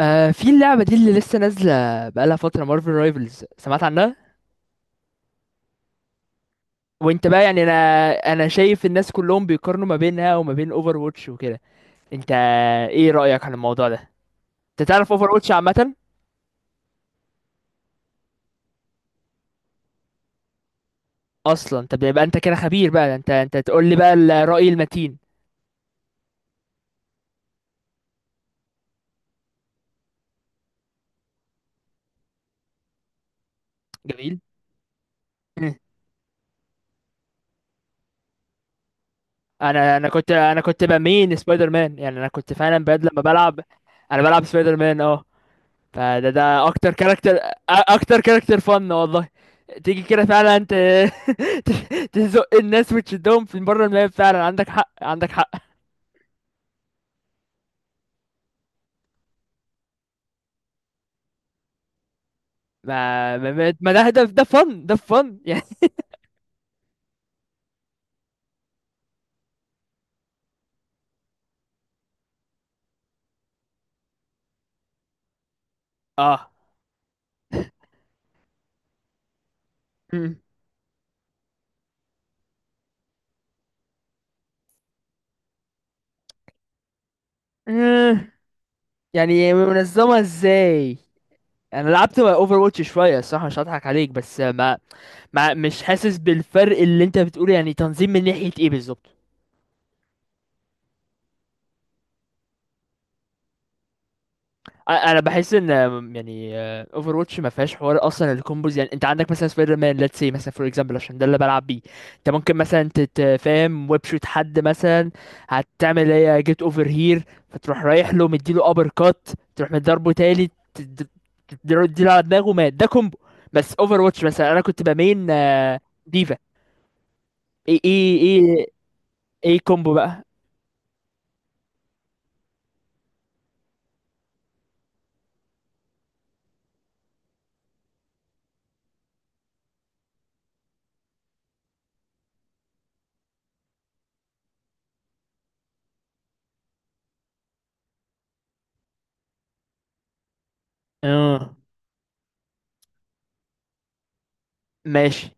في اللعبة دي اللي لسه نازلة بقالها فترة، مارفل رايفلز سمعت عنها. وانت بقى، يعني انا شايف الناس كلهم بيقارنوا ما بينها وما بين اوفر واتش وكده. انت، ايه رأيك عن الموضوع ده؟ انت تعرف اوفر واتش عامة؟ اصلا طب، يبقى انت كده خبير بقى، انت تقول لي بقى الرأي المتين. جميل. مم. انا كنت بمين سبايدر مان، يعني انا كنت فعلا بجد لما بلعب. انا بلعب سبايدر مان اه. فده اكتر كاركتر، اكتر كاركتر فن والله. تيجي كده فعلا انت. تزق الناس وتشدهم في بره الملعب، فعلا عندك حق، عندك حق. ما ده فن يعني. اه. مم. مم. يعني منظمة ازاي؟ انا لعبت اوفر واتش شوية الصراحة، مش هضحك عليك، بس ما, ما مش حاسس بالفرق اللي انت بتقوله. يعني، تنظيم من ناحية ايه بالظبط؟ انا بحس ان، يعني، اوفر واتش ما فيهاش حوار اصلا الكومبوز. يعني انت عندك مثلا سبايدر مان، ليتس سي مثلا، فور اكزامبل عشان ده اللي بلعب بيه. انت ممكن مثلا تتفاهم، ويب شوت حد مثلا، هتعمل ايه؟ جيت اوفر هير، فتروح رايح له مديله ابر كات، تروح مضربه تاني تديله على دماغه، مات. ده كومبو. بس اوفر واتش مثلا، انا كنت بمين ديفا. ايه ايه ايه. ايه كومبو بقى؟ اه ماشي.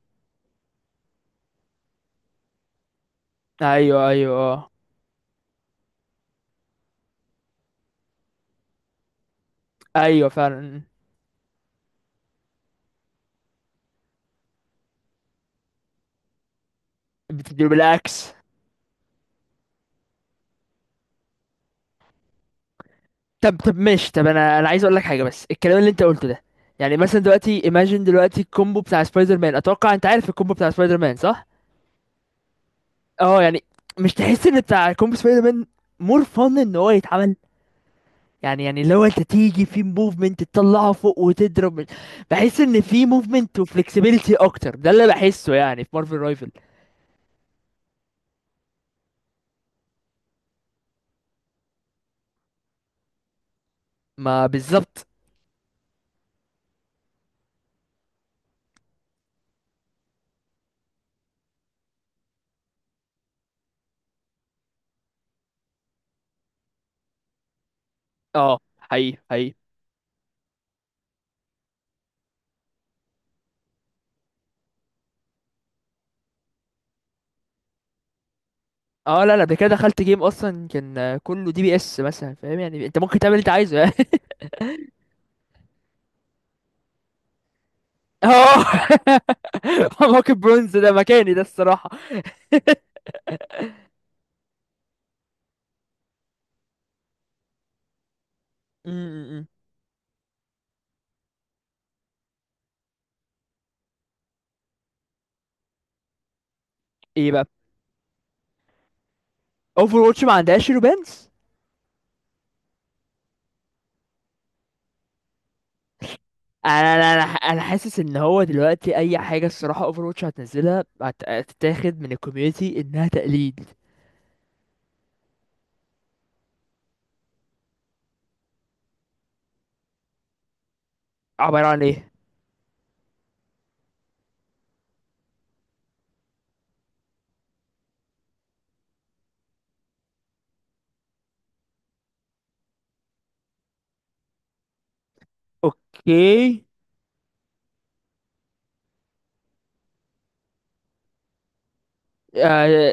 ايوه ايوه اه. ايوه فعلا. بتديله بالاكس. طب طب ماشي، طب انا عايز اقول لك حاجه، بس الكلام اللي انت قلته ده، يعني مثلا دلوقتي، ايماجين دلوقتي الكومبو بتاع سبايدر مان، اتوقع انت عارف الكومبو بتاع سبايدر مان صح؟ اه يعني، مش تحس ان بتاع كومبو سبايدر مان مور فن ان هو يتعمل؟ يعني لو انت تيجي في موفمنت تطلعه فوق وتضرب، بحس ان في موفمنت وفلكسبيليتي اكتر. ده اللي بحسه يعني في مارفل رايفل. ما بالظبط. اه حقيقي حقيقي. اه لا لا، قبل كده دخلت جيم اصلا كان كله DPS مثلا، فاهم؟ يعني انت ممكن تعمل اللي انت عايزه. اه. موكب برونز ده مكاني ده الصراحة. امم. ايه بقى؟ اوفر واتش ما عندهاش رومانس. انا انا انا أنا حاسس ان هو دلوقتي اي حاجه الصراحه اوفر واتش هتنزلها هتتاخد من الكوميونتي انها تقليد. عباره عن ايه؟ اوكي. آه،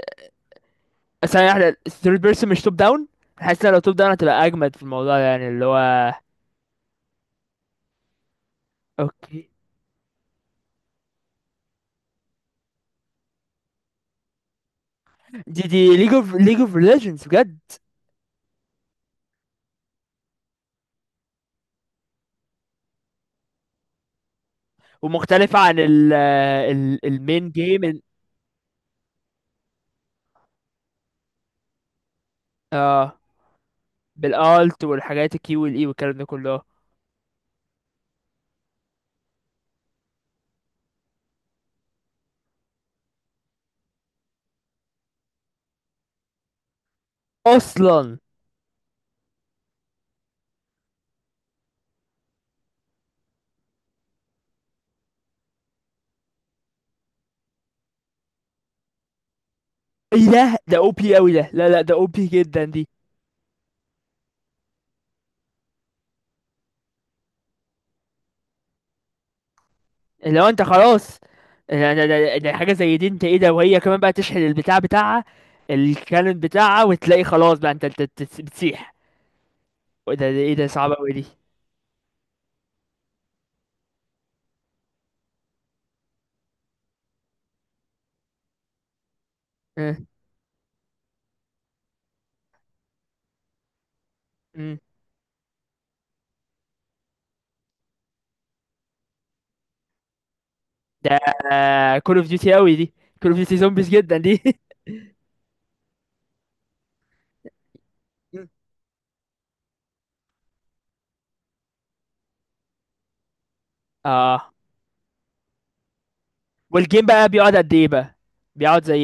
ثانيه واحده، الثيرد بيرسون مش توب داون؟ حاسس إن لو توب داون هتبقى اجمد في الموضوع ده، يعني اللي هو. اوكي. دي ليج اوف ليجندز بجد. ومختلفه عن ال المين جيم؟ بالالت والحاجات الكي والاي والكلام ده كله. اصلا. ايه ده OP قوي ده، لا لا ده OP جدا دي. اللي هو انت خلاص، ده حاجه زي دي، انت ايه ده؟ وهي كمان بقى تشحن البتاع بتاعها، الكانون بتاعها، وتلاقي خلاص بقى انت بتسيح. وده ايه ده؟ صعبه قوي دي. اه. ام. ده كول اوف ديوتي قوي دي، كول اوف ديوتي زومبيز جدا دي. ام. اه. والجيم بقى بيقعد قد ايه بقى؟ بيقعد زي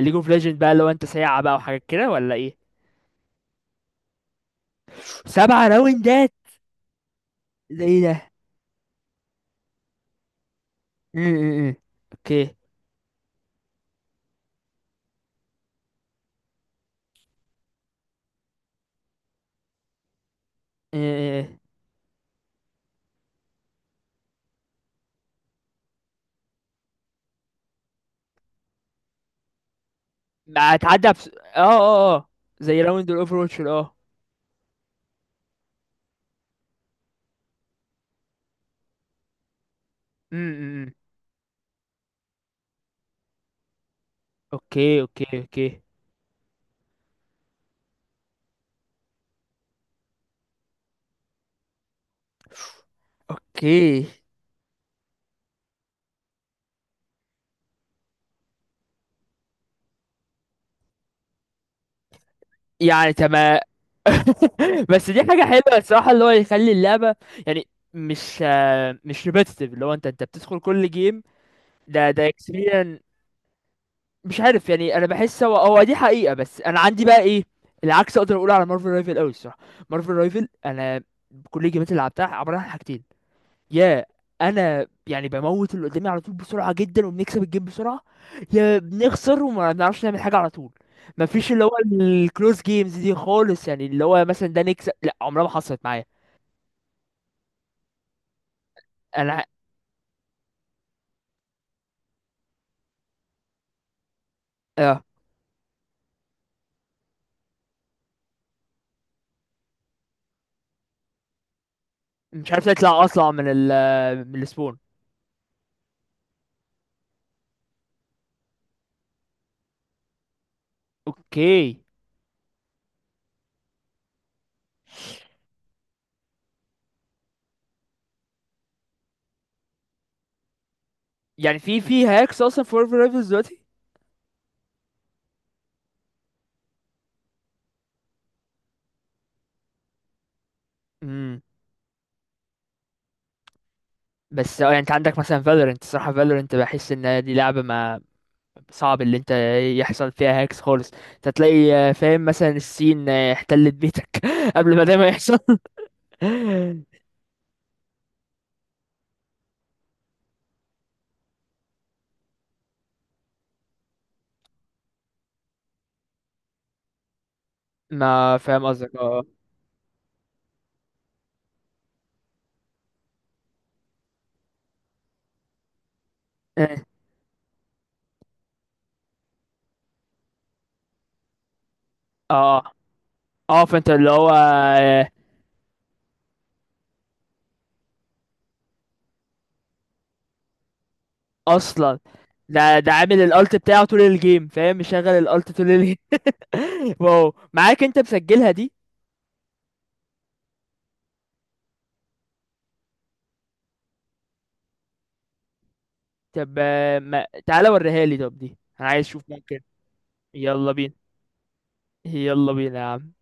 ليج اوف ليجند بقى؟ لو انت ساعة بقى وحاجات كده ولا ايه؟ سبع راوندات؟ ده ايه ده؟ م- م- م. اوكي. م- م. هتعدى بس، اه اه اه. زي راوند الاوفر واتش اه. م- م- م. اوكي اوكي اوكي. اوكي. يعني تمام. بس دي حاجة حلوة الصراحة، اللي هو يخلي اللعبة يعني مش ريبيتيتيف، اللي هو انت بتدخل كل جيم ده experience، مش عارف يعني. انا بحس هو دي حقيقة. بس انا عندي بقى ايه؟ العكس اقدر اقوله على مارفل رايفل قوي الصراحة. مارفل رايفل، انا كل الجيمات اللي لعبتها عبارة عن حاجتين: يا انا يعني بموت اللي قدامي على طول بسرعة جدا وبنكسب الجيم بسرعة، يا بنخسر وما بنعرفش نعمل حاجة على طول. مفيش اللي هو الكلوز جيمز دي خالص، يعني اللي هو مثلا ده نكسب، لا عمرها ما حصلت معايا. انا. اه. مش عارف اطلع من من السبون. اوكي. يعني في هاكس اصلا في مارفل رايفلز دلوقتي؟ بس اه يعني انت عندك مثلا فالورنت، صراحة فالورنت بحس ان دي لعبة ما صعب اللي انت يحصل فيها هاكس خالص. انت تلاقي فاهم مثلا الصين احتلت بيتك قبل ما ده ما يحصل. ما فاهم قصدك اه. اه. اه، اه، فانت اللي هو اصلا ده عامل الالت بتاعه طول الجيم، فاهم؟ مشغل الالت طول الجيم. واو معاك انت مسجلها دي؟ طب ما... تعالى وريها لي، طب دي انا عايز اشوف، ممكن؟ يلا بينا، يلا بينا يا عم.